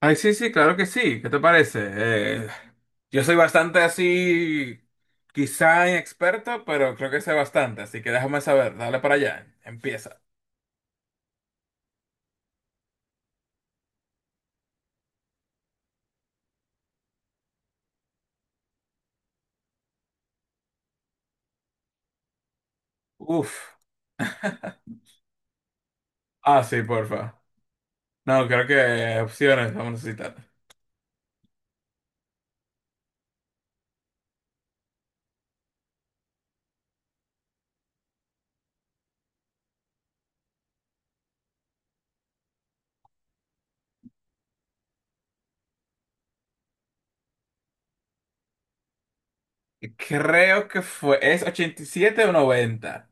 Ay, sí, sí, claro que sí. ¿Qué te parece? Yo soy bastante así, quizá inexperto, pero creo que sé bastante, así que déjame saber. Dale para allá. Empieza. Uf. Ah, sí, porfa. No, creo que opciones vamos a necesitar. Creo que fue. ¿Es 87 o 90?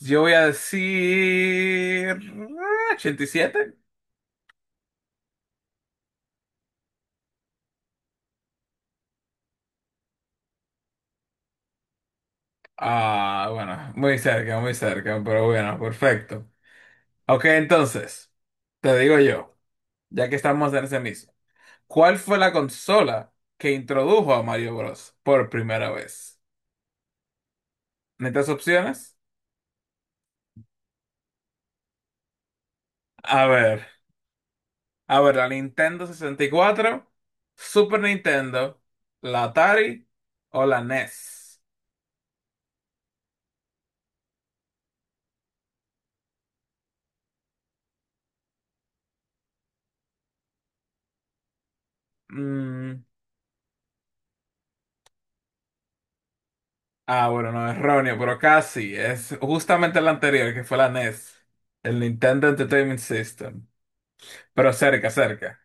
Yo voy a decir, 87. Ah, bueno, muy cerca, pero bueno, perfecto. Ok, entonces, te digo yo, ya que estamos en ese mismo. ¿Cuál fue la consola que introdujo a Mario Bros. Por primera vez? ¿Necesitas opciones? A ver, a ver, la Nintendo 64, Super Nintendo, la Atari o la NES. Ah, bueno, no, erróneo, pero casi. Es justamente el anterior, que fue la NES, el Nintendo Entertainment System. Pero cerca, cerca.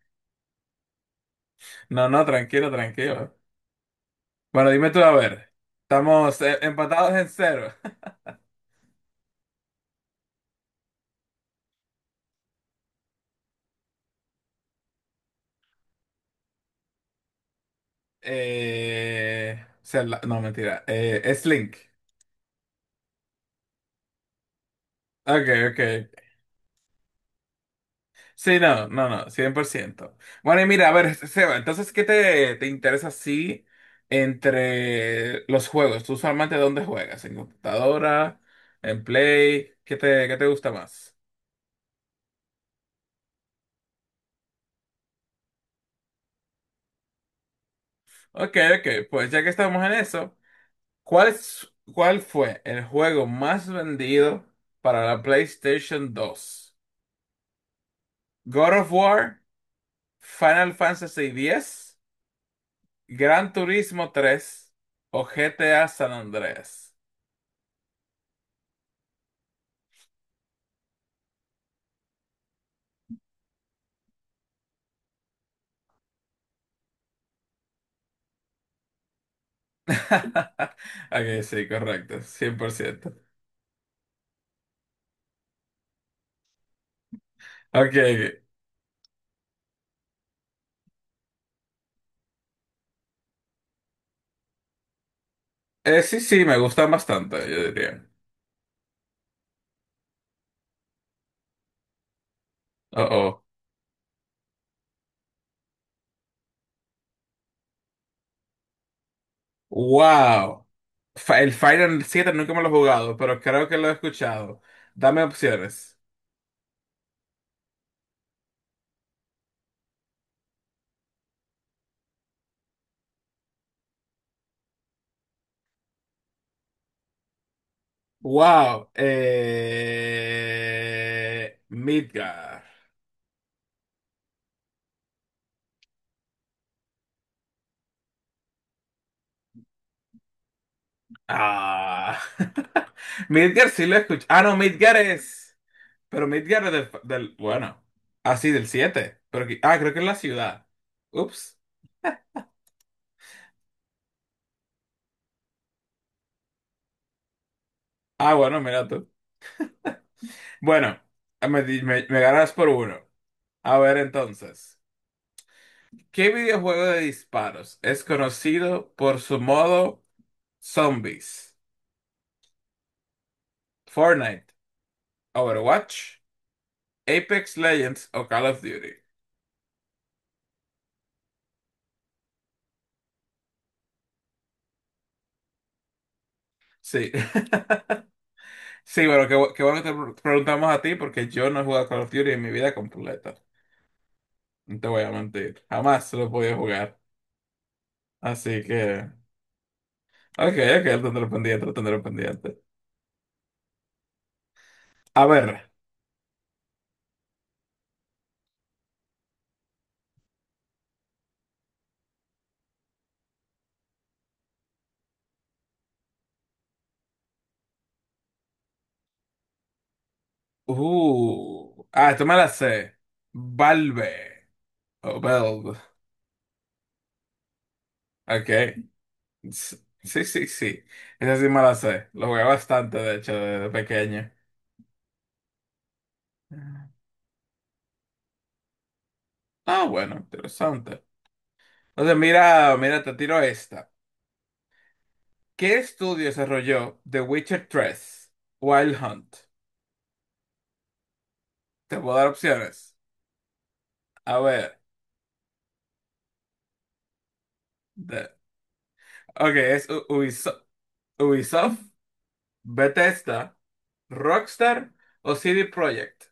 No, no, tranquilo, tranquilo. Bueno, dime tú, a ver. Estamos empatados en cero. O no, mentira. Es Link. Ok, ok. Sí, no, no, no, 100%. Bueno, y mira, a ver, Seba, entonces, ¿qué te interesa así entre los juegos? ¿Tú usualmente dónde juegas? ¿En computadora? ¿En Play? ¿Qué te gusta más? Ok, ok, pues ya que estamos en eso, ¿cuál fue el juego más vendido para la PlayStation dos? ¿God of War, Final Fantasy X, Gran Turismo tres o GTA San Andreas? Ok, sí, correcto, 100%. Ok, sí, sí, me gustan bastante, yo diría. Oh, oh. Wow. El Final 7 nunca me lo he jugado, pero creo que lo he escuchado. Dame opciones. Wow. Midgar. Ah. Midgar sí lo he escuchado. Ah, no, Midgar es. Pero Midgar es del-. Bueno. Ah, sí, del siete. Pero, creo que es la ciudad. Ups. Ah, bueno, mira tú. Bueno, me ganas por uno. A ver entonces, ¿qué videojuego de disparos es conocido por su modo zombies? ¿Fortnite, Overwatch, Apex Legends o Call of Duty? Sí. Sí, bueno, qué bueno que te preguntamos a ti porque yo no he jugado Call of Duty en mi vida completa. No te voy a mentir. Jamás lo he podido jugar. Así que. Ok, ok, lo tendré pendiente, lo tendré pendiente. A ver. Ah, esto me la sé. Valve. O Valve. Ok. S- Sí, sí, sí. Esa sí me la sé. Lo jugué bastante, de hecho, desde pequeño. Ah, bueno, interesante. Entonces, mira, mira, te tiro esta. ¿Qué estudio desarrolló The Witcher tres Wild Hunt? Te puedo dar opciones. A ver. de- Ok, es Ubisoft, Bethesda, Rockstar o CD Projekt.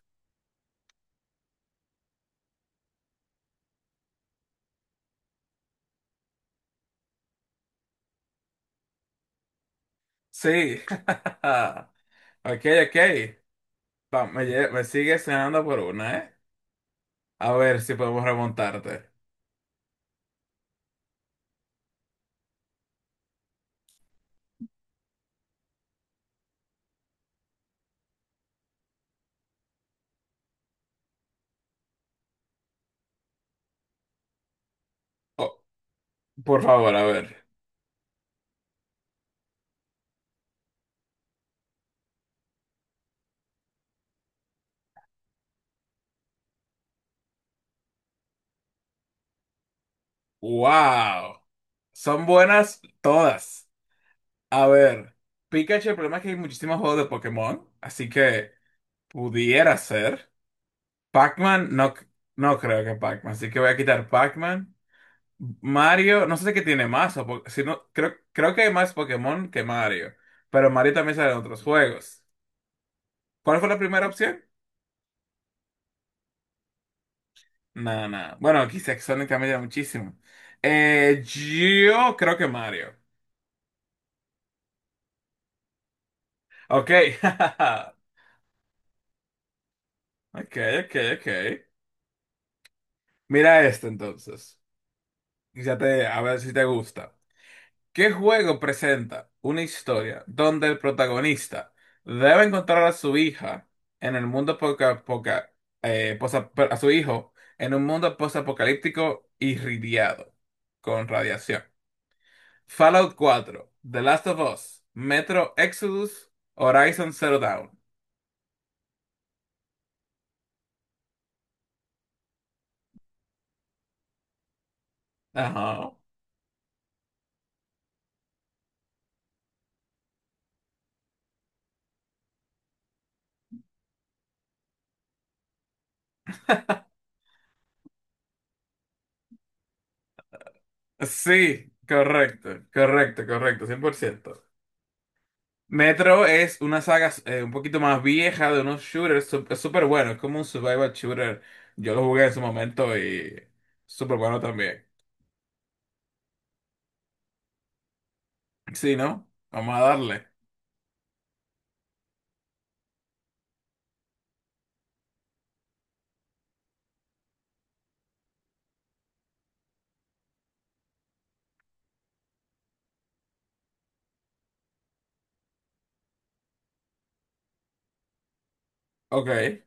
Sí. Ok, ok. Va, me sigue cenando por una, ¿eh? A ver si podemos remontarte. Oh, por favor, a ver. ¡Wow! Son buenas todas. A ver. Pikachu, el problema es que hay muchísimos juegos de Pokémon, así que pudiera ser. Pac-Man, no, no creo que Pac-Man, así que voy a quitar Pac-Man. Mario, no sé qué tiene más, si no, creo que hay más Pokémon que Mario, pero Mario también sale en otros juegos. ¿Cuál fue la primera opción? Nada, nada. Bueno, quizás Sonic también era muchísimo. Yo creo que Mario. Ok. Ok, ok, ok. Mira esto entonces. Ya te, a ver si te gusta. ¿Qué juego presenta una historia donde el protagonista debe encontrar a su hija en el mundo a su hijo en un mundo postapocalíptico irradiado con radiación? ¿Fallout cuatro, The Last of Us, Metro Exodus, Horizon Zero Dawn? Ajá. Sí, correcto, correcto, correcto, 100%. Metro es una saga un poquito más vieja de unos shooters, es súper bueno, es como un survival shooter. Yo lo jugué en su momento y súper bueno también. Sí, ¿no? Vamos a darle. Ok.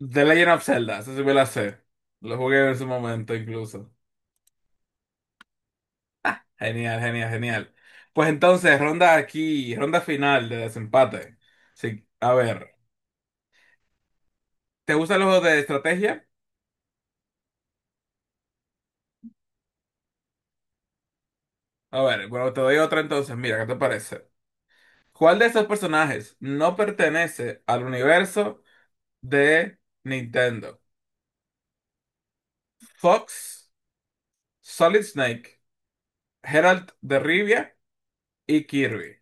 The Legend of Zelda, eso sí me la sé. Lo jugué en su momento incluso. Genial, genial, genial. Pues entonces, ronda aquí, ronda final de desempate. Sí, a ver, ¿te gustan los juegos de estrategia? A ver, bueno, te doy otra entonces, mira, ¿qué te parece? ¿Cuál de estos personajes no pertenece al universo de Nintendo? Fox, Solid Snake, Geralt de Rivia y Kirby.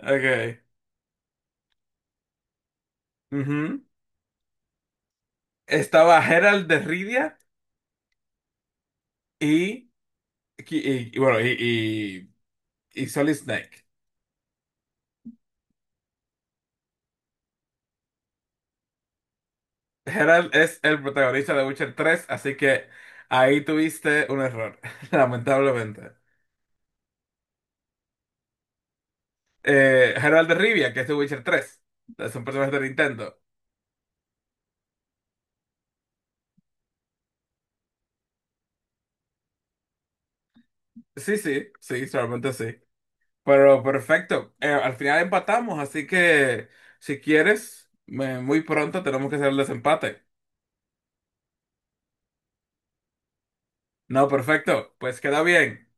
Ok. Ujú. Estaba Geralt de Rivia y, y, bueno, y Solid Snake. Geralt es el protagonista de Witcher 3, así que ahí tuviste un error, lamentablemente. Geralt de Rivia, que es de Witcher 3, es un personaje de Nintendo. Sí, sí, sí, solamente sí. Pero perfecto, al final empatamos, así que si quieres, muy pronto tenemos que hacer el desempate. No, perfecto, pues queda bien.